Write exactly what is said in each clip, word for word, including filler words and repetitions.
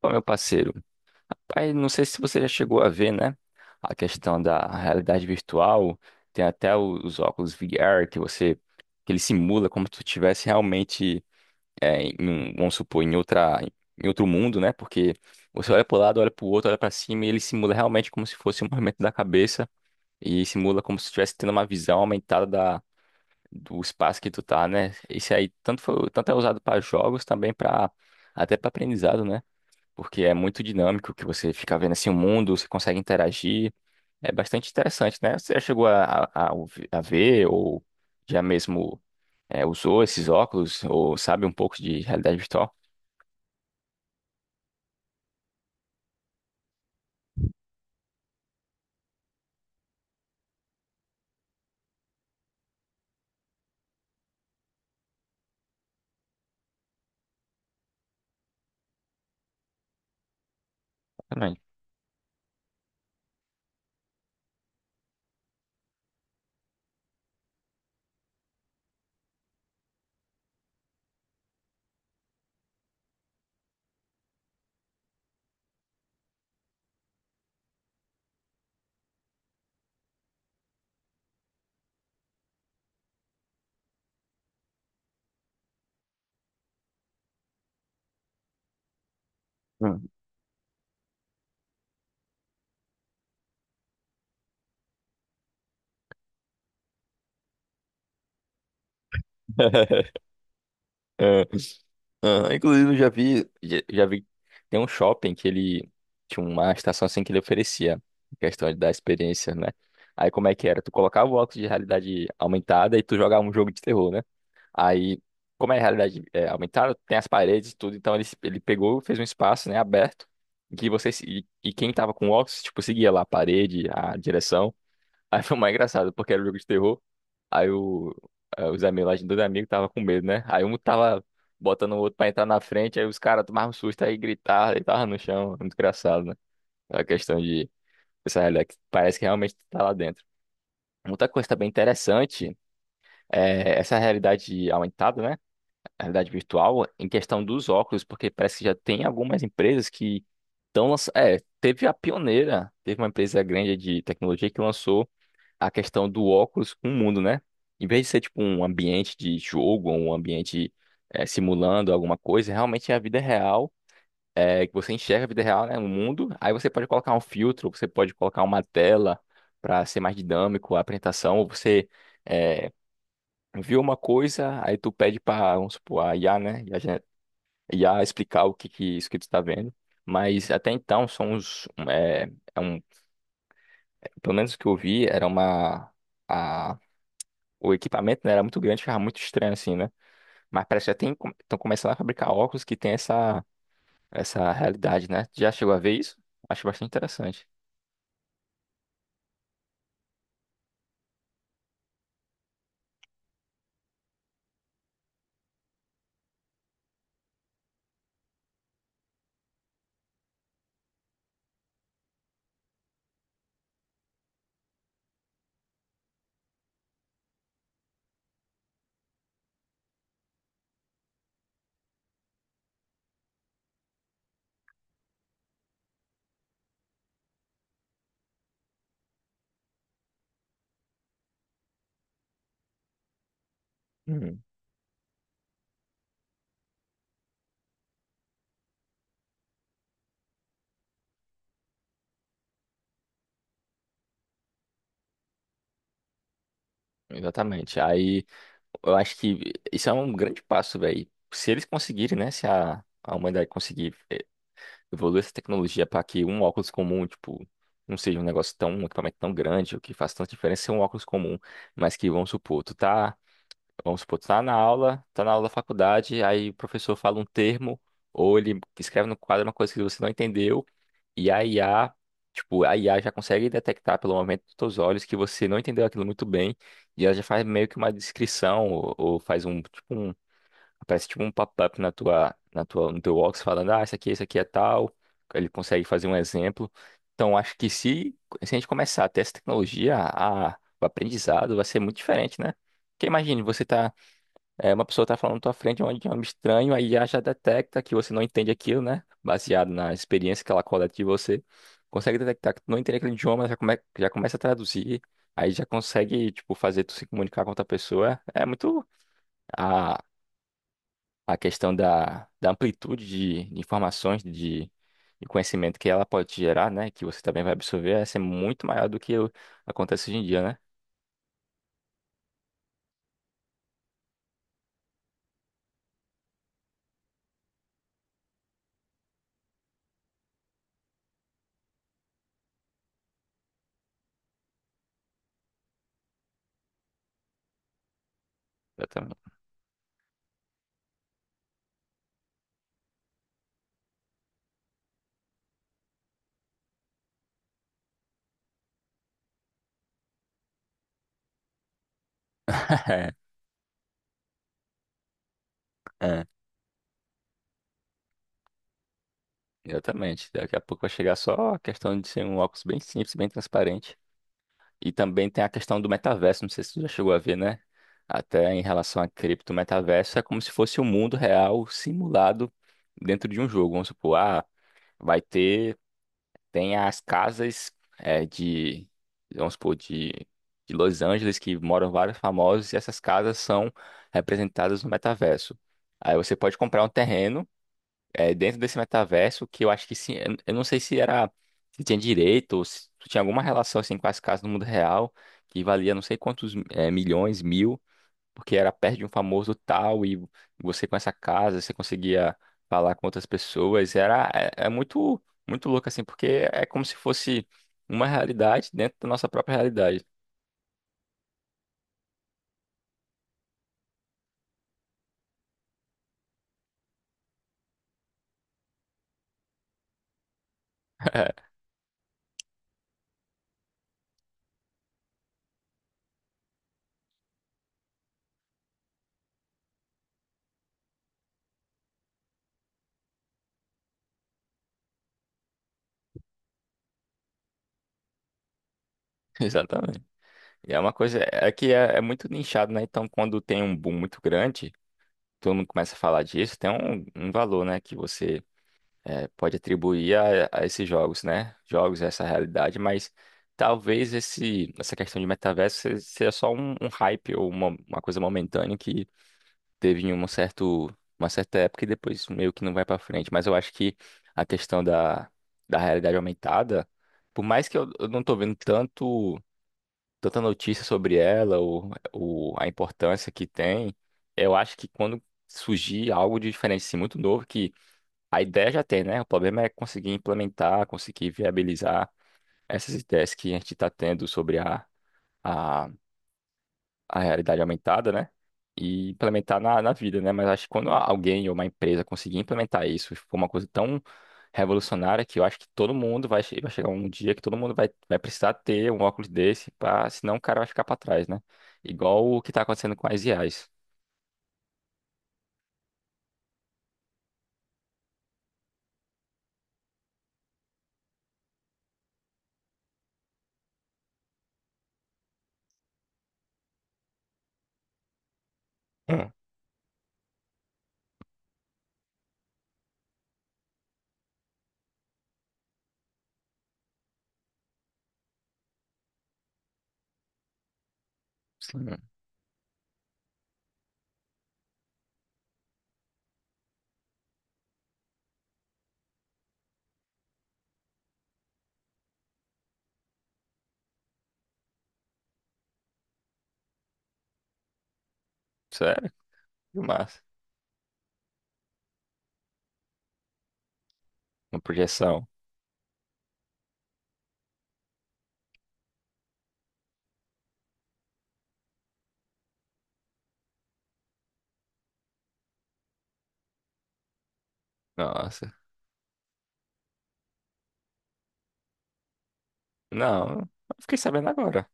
Bom, meu parceiro, aí não sei se você já chegou a ver, né? A questão da realidade virtual, tem até o- os óculos V R que você, que ele simula como se tu estivesse realmente, é, em, um- vamos supor, em outra, em outro mundo, né? Porque você olha para o lado, olha para o outro, olha para cima e ele simula realmente como se fosse um movimento da cabeça e simula como se estivesse tendo uma visão aumentada da, do espaço que tu tá, né? Isso aí tanto, foi- tanto é usado para jogos também para até para aprendizado, né? Porque é muito dinâmico que você fica vendo assim o mundo, você consegue interagir. É bastante interessante, né? Você já chegou a, a, a ouvi- a ver ou já mesmo é, usou esses óculos ou sabe um pouco de realidade virtual? Também. Hum. É, é, inclusive, eu já vi, já, já vi, tem um shopping que ele tinha uma estação assim que ele oferecia, questão da experiência, né? Aí como é que era? Tu colocava o óculos de realidade aumentada e tu jogava um jogo de terror, né? Aí, como é realidade é, aumentada, tem as paredes e tudo, então ele, ele pegou, fez um espaço, né, aberto, em que você, se- e, e quem tava com óculos, tipo, seguia lá a parede, a direção. Aí foi mais engraçado, porque era um jogo de terror. Aí o, eh, os amigos lá, de dois amigos, tava com medo, né? Aí um tava botando o outro pra entrar na frente, aí os caras tomavam um susto, aí gritavam, e tava no chão. Muito engraçado, né? A questão de essa realidade que parece que realmente tá lá dentro. Outra coisa também interessante é essa realidade aumentada, né? A realidade virtual em questão dos óculos, porque parece que já tem algumas empresas que estão lançando. É, teve a pioneira, teve uma empresa grande de tecnologia que lançou a questão do óculos com o mundo, né? Em vez de ser tipo um ambiente de jogo, um ambiente é, simulando alguma coisa, realmente é a vida real. É, que você enxerga a vida real, né, no mundo, aí você pode colocar um filtro, você pode colocar uma tela para ser mais dinâmico a apresentação, ou você é, viu uma coisa, aí tu pede para, vamos supor, a I A, né? I A I a explicar o que, que isso que tu está vendo. Mas até então são os um, é, é um, pelo menos o que eu vi era uma a, o equipamento né, era muito grande, ficava muito estranho assim, né? Mas parece que já tem estão começando a fabricar óculos que tem essa essa realidade, né? Tu já chegou a ver isso? Acho bastante interessante. Uhum. Exatamente. Aí eu acho que isso é um grande passo, velho. Se eles conseguirem, né? Se a, a humanidade conseguir evoluir essa tecnologia para que um óculos comum, tipo, não seja um negócio tão, um equipamento tão grande, o que faz tanta diferença ser um óculos comum, mas que, vamos supor, tu tá, vamos supor, tu tá na aula, tá na aula da faculdade, aí o professor fala um termo, ou ele escreve no quadro uma coisa que você não entendeu, e a I A, tipo, a I A já consegue detectar pelo momento dos teus olhos que você não entendeu aquilo muito bem, e ela já faz meio que uma descrição, ou, ou faz um, tipo, um aparece tipo um pop-up na tua, na tua, no teu Box falando, ah, isso aqui, isso aqui é tal. Ele consegue fazer um exemplo. Então, acho que se, se a gente começar a ter essa tecnologia, a, o aprendizado vai ser muito diferente, né? Porque imagine, você tá, é, uma pessoa tá falando na tua frente onde é um estranho, aí já, já detecta que você não entende aquilo, né? Baseado na experiência que ela coleta de você. Consegue detectar que tu não entende aquele idioma, já, come, já começa a traduzir. Aí já consegue, tipo, fazer tu se comunicar com outra pessoa. É muito. A, a questão da, da amplitude de, de informações, de, de conhecimento que ela pode te gerar, né? Que você também vai absorver, essa é ser muito maior do que o- acontece hoje em dia, né? Exatamente. É, exatamente. Daqui a pouco vai chegar só a questão de ser um óculos bem simples, bem transparente. E também tem a questão do metaverso, não sei se tu já chegou a ver, né? Até em relação a cripto, o metaverso é como se fosse o mundo real simulado dentro de um jogo. Vamos supor, ah, vai ter tem as casas é, de, vamos supor, de, de Los Angeles, que moram vários famosos, e essas casas são representadas no metaverso. Aí você pode comprar um terreno é, dentro desse metaverso, que eu acho que sim, eu eu não sei se era, se tinha direito, ou se tinha alguma relação assim, com as casas no mundo real, que valia não sei quantos é, milhões, mil, porque era perto de um famoso tal e você com essa casa, você conseguia falar com outras pessoas, era é, é muito muito louco assim, porque é como se fosse uma realidade dentro da nossa própria realidade. Exatamente. E é uma coisa é é que é, é muito nichado, né? Então, quando tem um boom muito grande, todo mundo começa a falar disso, tem um, um valor, né, que você eh, pode atribuir a, a esses jogos, né? Jogos, essa realidade, mas talvez esse, essa questão de metaverso se- seja só um, um hype ou uma, uma coisa momentânea que teve em um certo, uma certa época e depois meio que não vai pra frente. Mas eu acho que a questão da, da realidade aumentada, por mais que eu, eu não tô vendo tanto, tanta notícia sobre ela ou, ou a importância que tem, eu acho que quando surgir algo de diferente, assim, muito novo, que a ideia já tem, né? O problema é conseguir implementar, conseguir viabilizar essas ideias que a gente está tendo sobre a, a, a realidade aumentada, né? E implementar na, na vida, né? Mas acho que quando alguém ou uma empresa conseguir implementar isso, for uma coisa tão revolucionária que eu acho que todo mundo vai, che- vai chegar um dia que todo mundo vai, vai precisar ter um óculos desse, pra, senão o cara vai ficar para trás, né? Igual o que está acontecendo com as I As. Hum, sim. Sério? Que massa. Uma projeção. Nossa. Não, eu fiquei sabendo agora.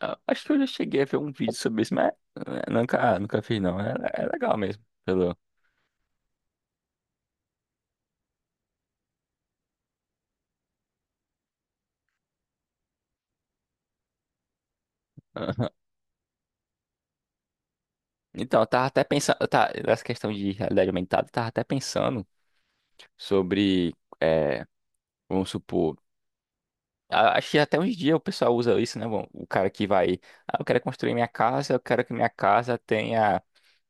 Ah, acho que eu já cheguei a ver um vídeo sobre isso, mas eh, nunca, nunca fiz, não. É, é legal mesmo. Pelo. Então, eu tava até pensando. Tá, essa questão de realidade aumentada, eu tava até pensando sobre. eh, Vamos supor. a- Acho que até uns dias o pessoal usa isso, né? Bom, o cara que vai. Ah, eu quero construir minha casa, eu quero que minha casa tenha.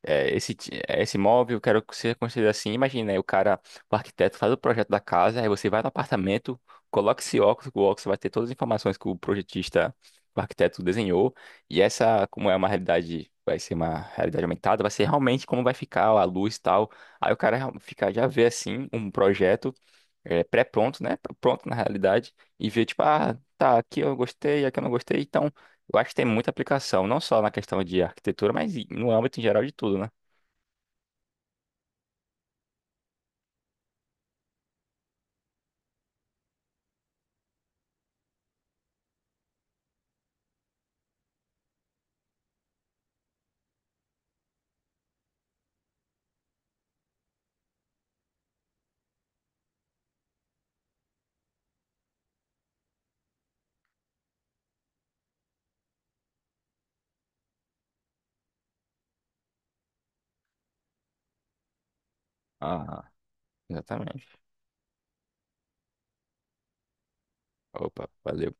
é, esse, ti- é, Esse imóvel, eu quero que você construído assim. Imagina, aí o cara, o arquiteto faz o projeto da casa, aí você vai no apartamento, coloca esse óculos, o óculos vai ter todas as informações que o projetista, o arquiteto desenhou, e essa, como é uma realidade, vai ser uma realidade aumentada, vai ser realmente como vai ficar a luz e tal. Aí o cara real- fica, já vê assim, um projeto é, pré-pronto, né? Pronto na realidade, e vê tipo, ah, tá, aqui eu gostei, aqui eu não gostei, então. Eu acho que tem muita aplicação, não só na questão de arquitetura, mas e- no âmbito em geral de tudo, né? Ah, exatamente. Opa, valeu.